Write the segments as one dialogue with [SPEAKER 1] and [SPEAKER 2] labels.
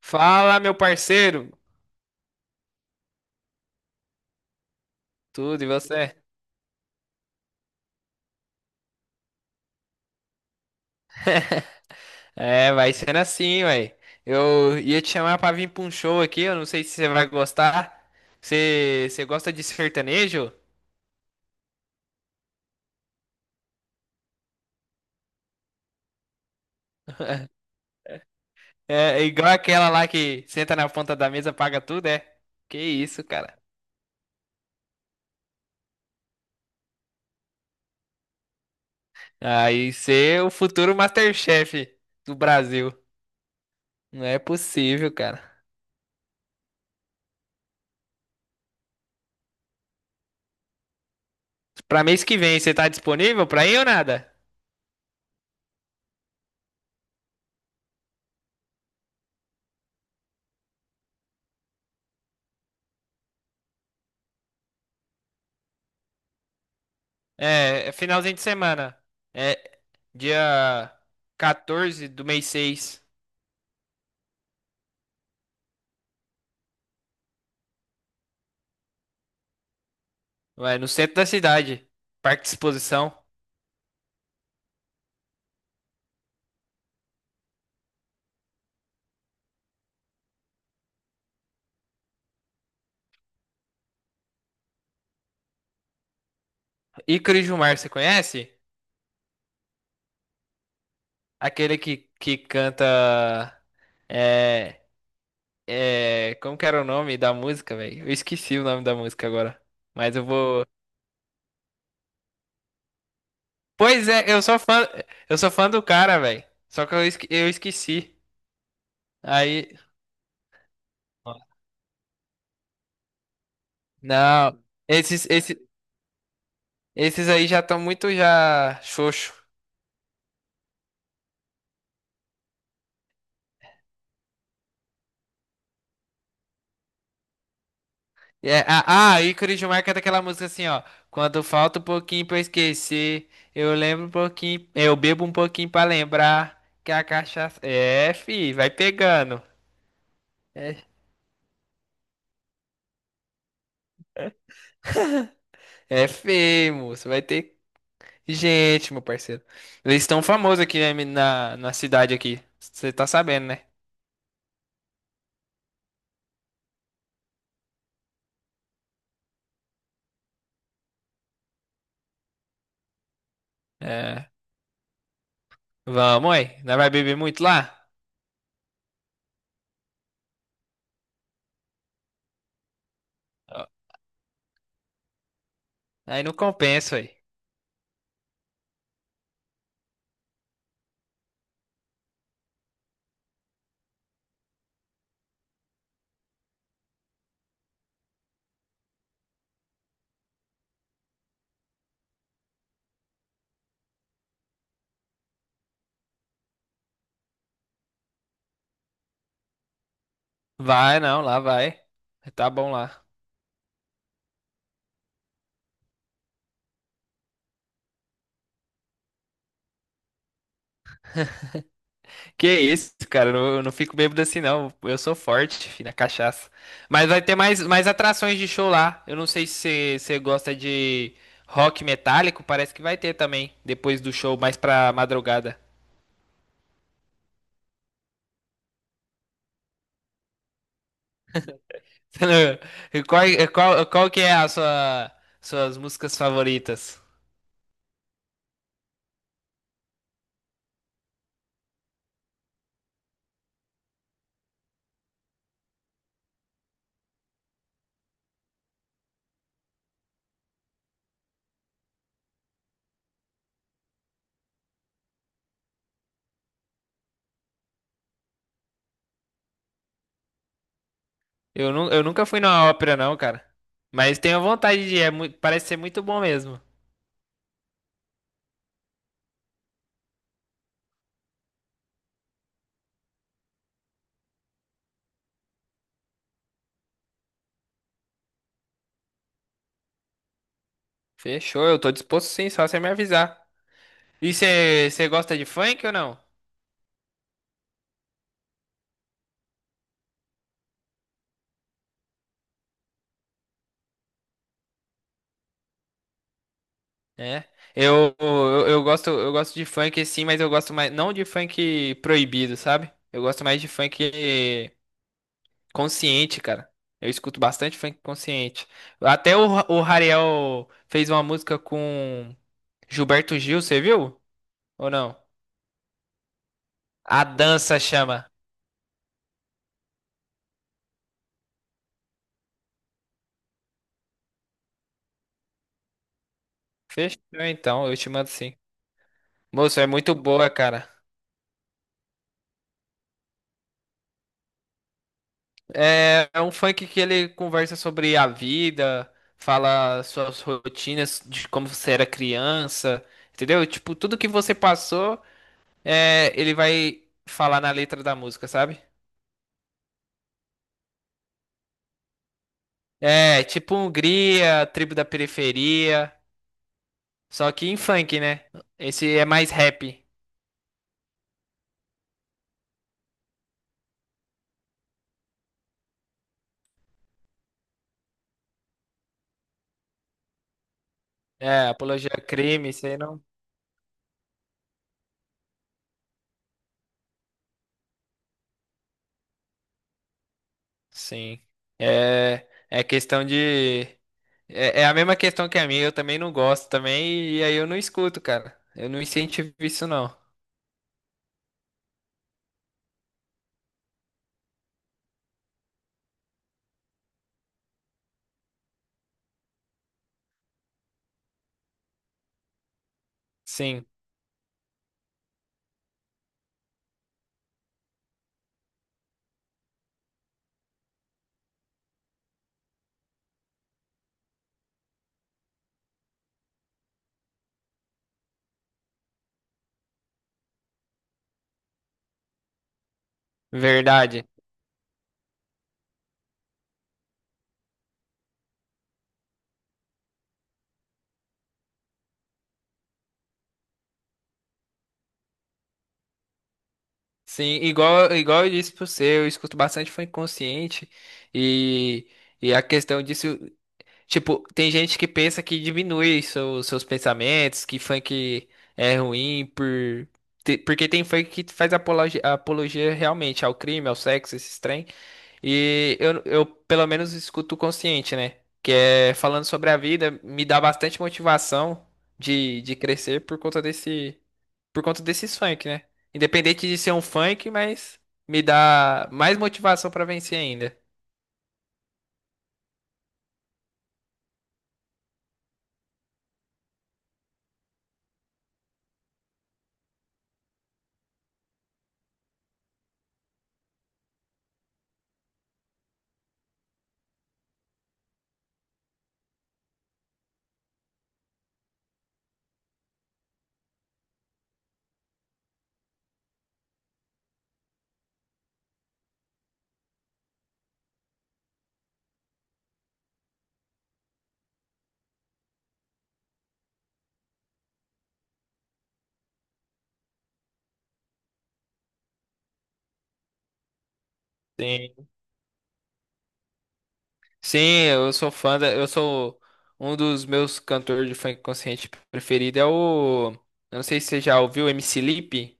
[SPEAKER 1] Fala, meu parceiro! Tudo, e você? É, vai sendo assim, ué. Eu ia te chamar pra vir pra um show aqui, eu não sei se você vai gostar. Você gosta de sertanejo? É, é igual aquela lá que senta na ponta da mesa, paga tudo, é? Que isso, cara. Aí você é o futuro Masterchef do Brasil. Não é possível, cara. Pra mês que vem, você tá disponível pra ir ou nada? É, é finalzinho de semana. É dia 14 do mês seis. Vai no centro da cidade. Parque de exposição. Ícaro Gilmar, você conhece? Aquele que canta. É, é, como que era o nome da música, velho? Eu esqueci o nome da música agora. Mas eu vou. Pois é, eu sou fã. Eu sou fã do cara, velho. Só que eu esqueci. Aí. Não. Esses, esses, esses aí já estão muito já xoxo. É, ícone de marca é daquela música assim, ó. Quando falta um pouquinho pra eu esquecer, eu lembro um pouquinho, eu bebo um pouquinho pra lembrar que a cachaça. É, fi, vai pegando. É, é feio, moço. Vai ter gente, meu parceiro. Eles estão famosos aqui na cidade aqui. Você tá sabendo, né? É. Vamos, aí. Não vai beber muito lá? Ó, aí não compensa, aí. Vai, não, lá vai. Tá bom lá. Que isso, cara, eu não fico bêbado assim não. Eu sou forte, filho, na cachaça. Mas vai ter mais atrações de show lá. Eu não sei se você gosta de rock metálico, parece que vai ter também, depois do show, mais pra madrugada. E qual que é suas músicas favoritas? Eu nunca fui numa ópera não, cara. Mas tenho vontade de ir, parece ser muito bom mesmo. Fechou, eu tô disposto sim, só você me avisar. E você gosta de funk ou não? É. Eu gosto de funk sim, mas eu gosto mais não de funk proibido, sabe? Eu gosto mais de funk consciente, cara. Eu escuto bastante funk consciente. Até o Rariel fez uma música com Gilberto Gil, você viu? Ou não? A dança chama. Fechou então, eu te mando sim. Moço, é muito boa, cara. É, é um funk que ele conversa sobre a vida, fala suas rotinas de como você era criança, entendeu? Tipo, tudo que você passou, é, ele vai falar na letra da música, sabe? É, tipo Hungria, tribo da periferia, só que em funk, né? Esse é mais rap. É, apologia a crime, isso aí não. Sim. É, é questão de. É, é a mesma questão que a minha, eu também não gosto também, e aí eu não escuto, cara. Eu não incentivo isso, não. Sim, verdade. Sim, igual eu disse pra você, eu escuto bastante funk consciente, e, e a questão disso, tipo, tem gente que pensa que diminui seus pensamentos, que funk é ruim Porque tem funk que faz apologia, apologia realmente ao crime, ao sexo, esses trem. E eu pelo menos escuto o consciente, né? Que é falando sobre a vida, me dá bastante motivação de crescer por conta desse, por conta desses funk, né? Independente de ser um funk, mas me dá mais motivação pra vencer ainda. Sim. Sim, eu sou um dos meus cantores de funk consciente preferido é o, eu não sei se você já ouviu, MC Lipe.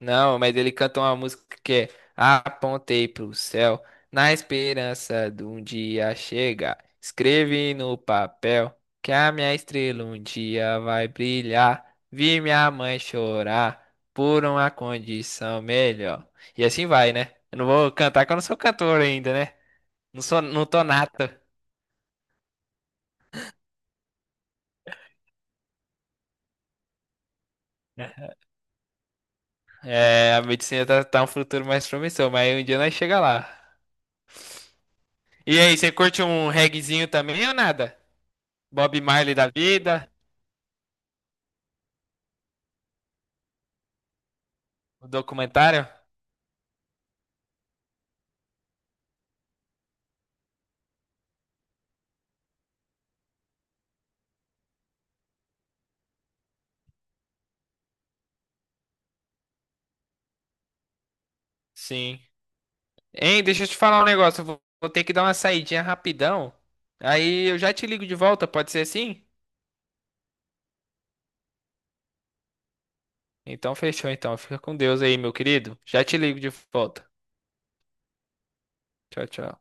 [SPEAKER 1] Não, mas ele canta uma música que é Apontei pro céu, na esperança de um dia chegar. Escrevi no papel que a minha estrela um dia vai brilhar. Vi minha mãe chorar por uma condição melhor. E assim vai, né? Eu não vou cantar que eu não sou cantor ainda, né? Não sou, não tô nato. É, a medicina tá, tá um futuro mais promissor, mas um dia nós chega lá. E aí, você curte um reguezinho também ou nada? Bob Marley da vida? O documentário? Sim. Hein, deixa eu te falar um negócio. Eu vou, vou ter que dar uma saidinha rapidão. Aí eu já te ligo de volta, pode ser assim? Então fechou então. Fica com Deus aí, meu querido. Já te ligo de volta. Tchau, tchau.